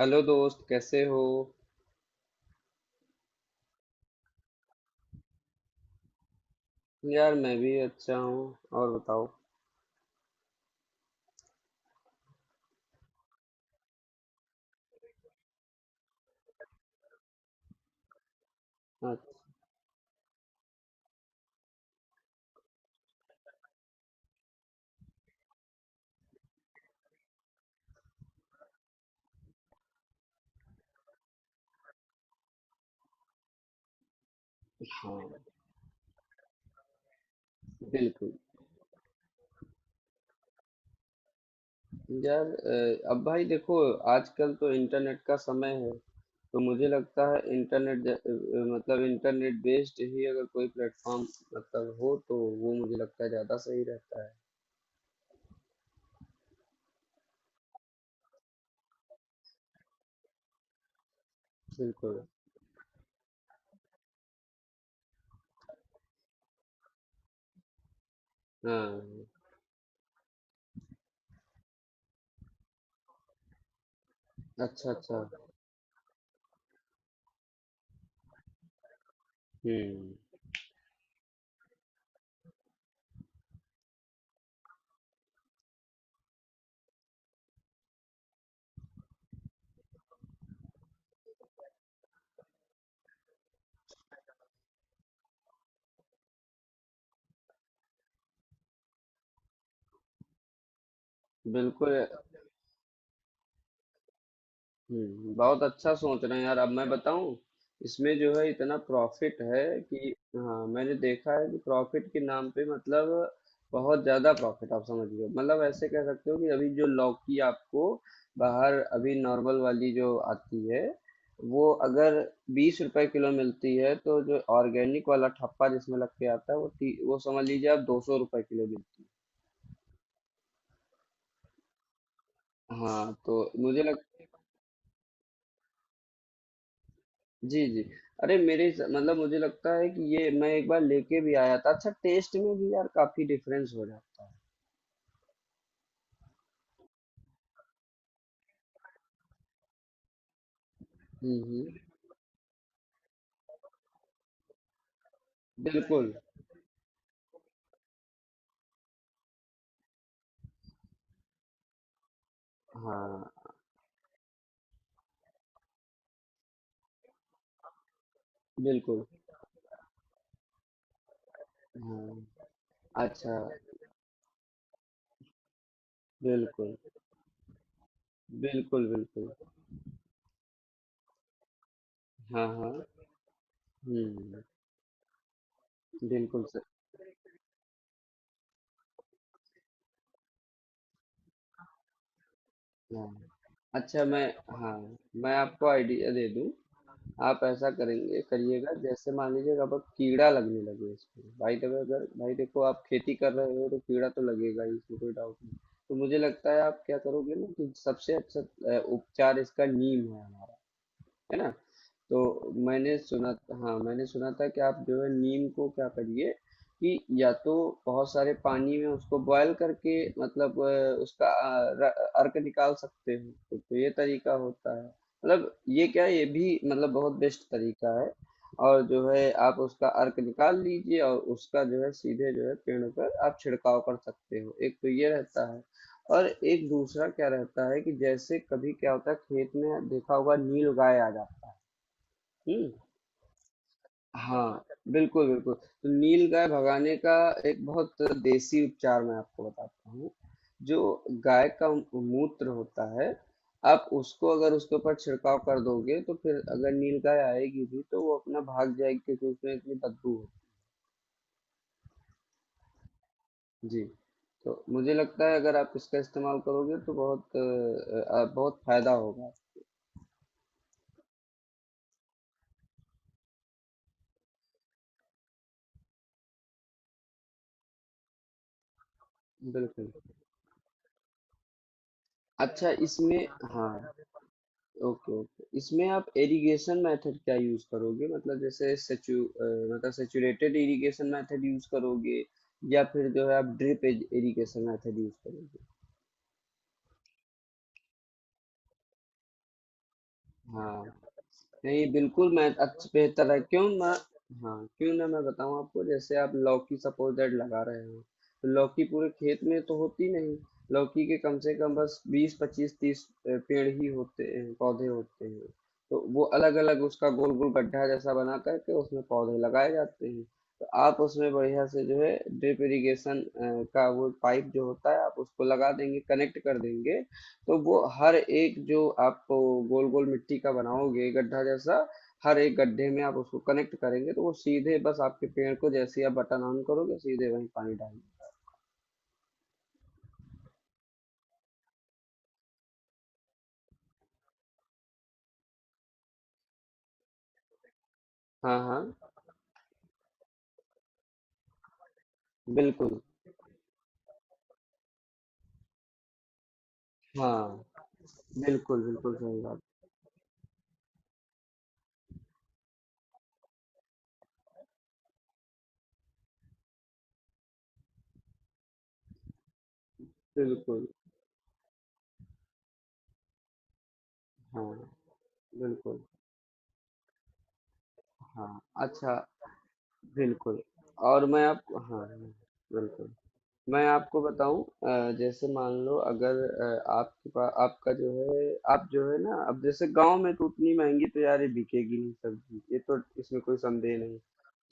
Hello दोस्त, कैसे हो। यार मैं भी अच्छा हूँ। और बताओ। अच्छा। हाँ। बिल्कुल। यार अब भाई देखो, आजकल तो इंटरनेट का समय है। तो मुझे लगता है इंटरनेट मतलब इंटरनेट बेस्ड ही अगर कोई प्लेटफॉर्म मतलब हो तो वो मुझे लगता है ज़्यादा सही रहता है। बिल्कुल। हाँ। अच्छा, अच्छा। हम्म। बिल्कुल। हम्म, बहुत अच्छा सोच रहे हैं यार। अब मैं बताऊं, इसमें जो है इतना प्रॉफिट है कि, हाँ मैंने देखा है कि प्रॉफिट के नाम पे मतलब बहुत ज्यादा प्रॉफिट। आप समझ लो मतलब ऐसे कह सकते हो कि अभी जो लौकी आपको बाहर अभी नॉर्मल वाली जो आती है, वो अगर 20 रुपए किलो मिलती है, तो जो ऑर्गेनिक वाला ठप्पा जिसमें लग के आता है वो वो समझ लीजिए आप 200 रुपए किलो मिलती है। हाँ तो मुझे। जी, जी। अरे मेरे स मतलब मुझे लगता है कि ये मैं एक बार लेके भी आया था। अच्छा टेस्ट में भी यार काफ़ी डिफरेंस हो जाता। हुँ, हुँ। बिल्कुल, हाँ, बिल्कुल, हाँ। अच्छा। बिल्कुल, बिल्कुल, बिल्कुल। हाँ, हाँ। हुँ। बिल्कुल स हाँ। अच्छा मैं। हाँ, मैं आपको आइडिया दे दूँ। आप ऐसा करेंगे, करिएगा, जैसे मान लीजिए अब कीड़ा लगने लगे इसमें। भाई देखो, अगर भाई देखो, आप खेती कर रहे हो तो कीड़ा तो लगेगा ही इसमें, कोई डाउट नहीं। तो मुझे लगता है आप क्या करोगे ना, कि सबसे अच्छा उपचार इसका नीम है हमारा, है ना। तो मैंने सुना। हाँ मैंने सुना था कि आप जो है नीम को क्या करिए, कि या तो बहुत सारे पानी में उसको बॉयल करके मतलब उसका अर्क निकाल सकते हो, तो ये तरीका होता है, मतलब ये क्या, ये भी मतलब बहुत बेस्ट तरीका है। और जो है आप उसका अर्क निकाल लीजिए, और उसका जो है सीधे जो है पेड़ पर आप छिड़काव कर सकते हो, एक तो ये रहता है। और एक दूसरा क्या रहता है कि जैसे कभी क्या होता है, खेत में देखा होगा, नील गाय आ जाती है। हम्म। हाँ, बिल्कुल, बिल्कुल। तो नीलगाय भगाने का एक बहुत देसी उपचार मैं आपको बताता हूँ। जो गाय का मूत्र होता है, आप उसको अगर उसके ऊपर छिड़काव कर दोगे, तो फिर अगर नीलगाय आएगी भी तो वो अपना भाग जाएगी, क्योंकि उसमें इतनी बदबू होती है। जी, तो मुझे लगता है अगर आप इसका इस्तेमाल करोगे तो बहुत बहुत फायदा होगा। बिल्कुल। अच्छा, इसमें। हाँ। ओके, ओके, इसमें आप इरिगेशन मेथड क्या यूज करोगे? मतलब जैसे मतलब सेचुरेटेड इरिगेशन मेथड यूज करोगे, या फिर जो है आप ड्रिप इरिगेशन मेथड यूज करोगे? हाँ, नहीं बिल्कुल, मैं अच्छा बेहतर है, क्यों मैं। हाँ क्यों ना मैं बताऊं आपको, जैसे आप लौकी सपोज दैट लगा रहे हो, तो लौकी पूरे खेत में तो होती नहीं। लौकी के कम से कम बस 20, 25, 30 पेड़ ही होते हैं, पौधे होते हैं। तो वो अलग अलग उसका गोल गोल गड्ढा जैसा बना करके उसमें पौधे लगाए जाते हैं। तो आप उसमें बढ़िया से जो है ड्रिप इरिगेशन का वो पाइप जो होता है आप उसको लगा देंगे, कनेक्ट कर देंगे। तो वो हर एक जो आप गोल गोल मिट्टी का बनाओगे गड्ढा जैसा, हर एक गड्ढे में आप उसको कनेक्ट करेंगे, तो वो सीधे बस आपके पेड़ को, जैसे ही आप बटन ऑन करोगे, सीधे वहीं पानी डालेंगे। हाँ, हाँ। बिल्कुल। हाँ। बिल्कुल, बिल्कुल सही बात। बिल्कुल। हाँ। बिल्कुल। हाँ। अच्छा। बिल्कुल। और मैं आप। हाँ। बिल्कुल। मैं आपको बताऊं जैसे मान लो, अगर आपके पास आपका जो है, आप जो है ना, अब जैसे गांव में तो उतनी महंगी तो यार ये बिकेगी नहीं सब्जी, ये तो इसमें कोई संदेह नहीं।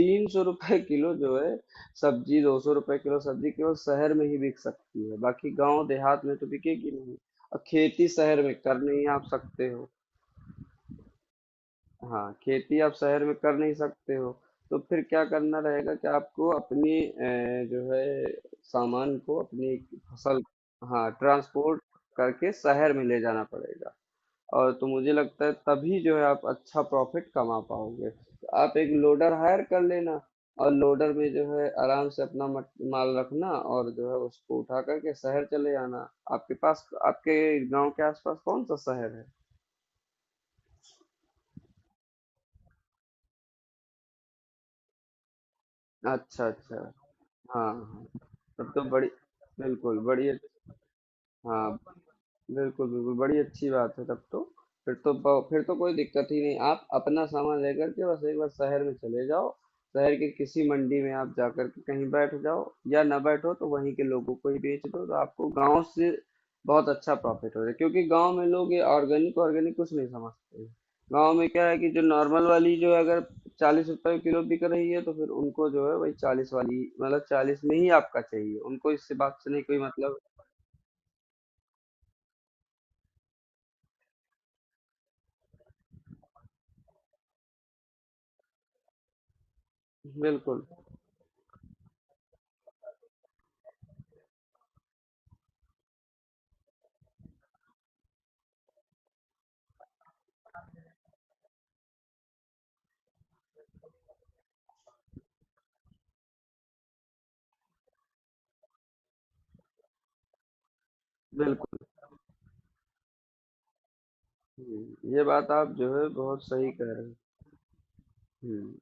300 रुपए किलो जो है सब्जी, 200 रुपए किलो सब्जी केवल शहर में ही बिक सकती है, बाकी गांव देहात में तो बिकेगी नहीं। और खेती शहर में कर नहीं आप सकते हो। हाँ, खेती आप शहर में कर नहीं सकते हो। तो फिर क्या करना रहेगा कि आपको अपनी जो है सामान को, अपनी फसल, हाँ ट्रांसपोर्ट करके शहर में ले जाना पड़ेगा। और तो मुझे लगता है तभी जो है आप अच्छा प्रॉफिट कमा पाओगे। तो आप एक लोडर हायर कर लेना, और लोडर में जो है आराम से अपना माल रखना, और जो है उसको उठा करके शहर चले आना। आपके पास आपके गांव के आसपास कौन सा शहर है? अच्छा, अच्छा। हाँ, हाँ। तब तो बड़ी, बिल्कुल, बड़ी अच्छी। हाँ। बिल्कुल, बिल्कुल, बड़ी अच्छी बात है तब तो। फिर तो कोई दिक्कत ही नहीं। आप अपना सामान लेकर के बस एक बार शहर में चले जाओ, शहर के किसी मंडी में आप जाकर के कहीं बैठ जाओ, या ना बैठो तो वहीं के लोगों को ही बेच दो, तो आपको गांव से बहुत अच्छा प्रॉफिट हो जाए। क्योंकि गांव में लोग ये ऑर्गेनिक ऑर्गेनिक कुछ नहीं समझते हैं। गांव में क्या है कि जो नॉर्मल वाली जो है, अगर 40 रुपए किलो बिक रही है, तो फिर उनको जो है वही 40 वाली, मतलब 40 में ही आपका चाहिए उनको, इससे बात से नहीं कोई मतलब। बिल्कुल। बिल्कुल। हुँ, ये बात आप जो है बहुत सही कह रहे हैं। हुँ,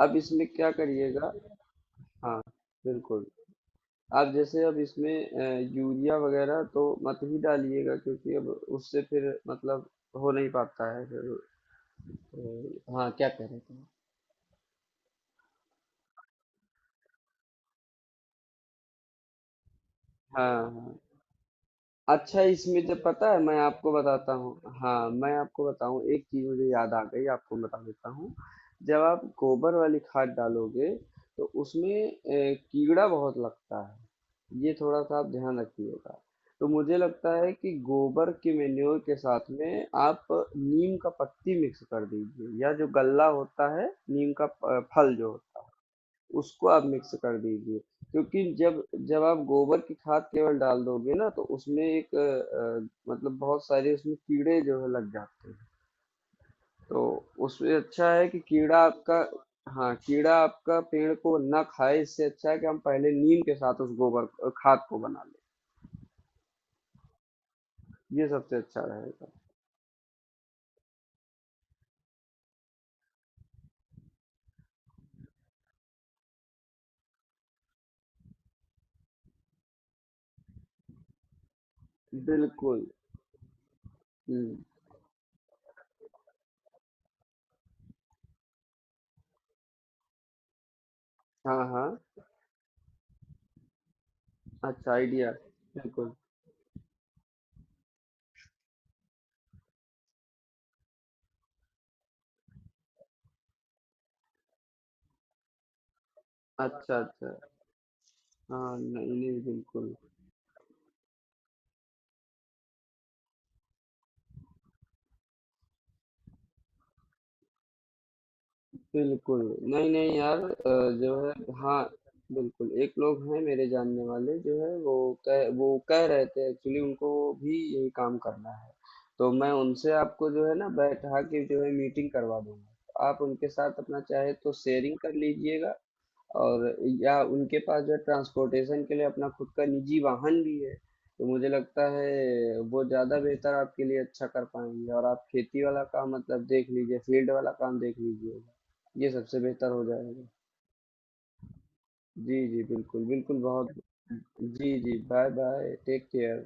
अब इसमें क्या करिएगा। हाँ, बिल्कुल। आप जैसे अब इसमें यूरिया वग़ैरह तो मत ही डालिएगा, क्योंकि अब उससे फिर मतलब हो नहीं पाता है फिर। हाँ, क्या कह रहे थे? हाँ, हाँ। अच्छा, इसमें तो पता है मैं आपको बताता हूँ। हाँ मैं आपको बताऊँ, एक चीज़ मुझे याद आ गई, आपको बता देता हूँ। जब आप गोबर वाली खाद डालोगे तो उसमें कीड़ा बहुत लगता है, ये थोड़ा सा आप ध्यान रखिएगा। तो मुझे लगता है कि गोबर के मेन्योर के साथ में आप नीम का पत्ती मिक्स कर दीजिए, या जो गल्ला होता है नीम का फल जो, उसको आप मिक्स कर दीजिए। क्योंकि जब जब आप गोबर की खाद केवल डाल दोगे ना, तो उसमें एक मतलब बहुत सारे उसमें कीड़े जो है लग जाते हैं। तो उसमें अच्छा है कि कीड़ा आपका, हाँ कीड़ा आपका पेड़ को ना खाए। इससे अच्छा है कि हम पहले नीम के साथ उस गोबर खाद को बना लें, ये सबसे अच्छा रहेगा। बिल्कुल। हम्म। हाँ, हाँ। अच्छा आइडिया। बिल्कुल। अच्छा, अच्छा। हाँ, नहीं नहीं, बिल्कुल। बिल्कुल। नहीं, नहीं यार जो है, हाँ, बिल्कुल। एक लोग हैं मेरे जानने वाले, जो है वो कह रहे थे एक्चुअली उनको भी यही काम करना है। तो मैं उनसे आपको जो है ना बैठा के जो है मीटिंग करवा दूँगा। आप उनके साथ अपना चाहे तो शेयरिंग कर लीजिएगा। और या उनके पास जो ट्रांसपोर्टेशन के लिए अपना खुद का निजी वाहन भी है, तो मुझे लगता है वो ज़्यादा बेहतर आपके लिए अच्छा कर पाएंगे। और आप खेती वाला काम मतलब देख लीजिए, फील्ड वाला काम देख लीजिएगा, ये सबसे बेहतर हो जाएगा। जी, जी, बिल्कुल, बिल्कुल, बहुत। जी, जी, बाय बाय, टेक केयर।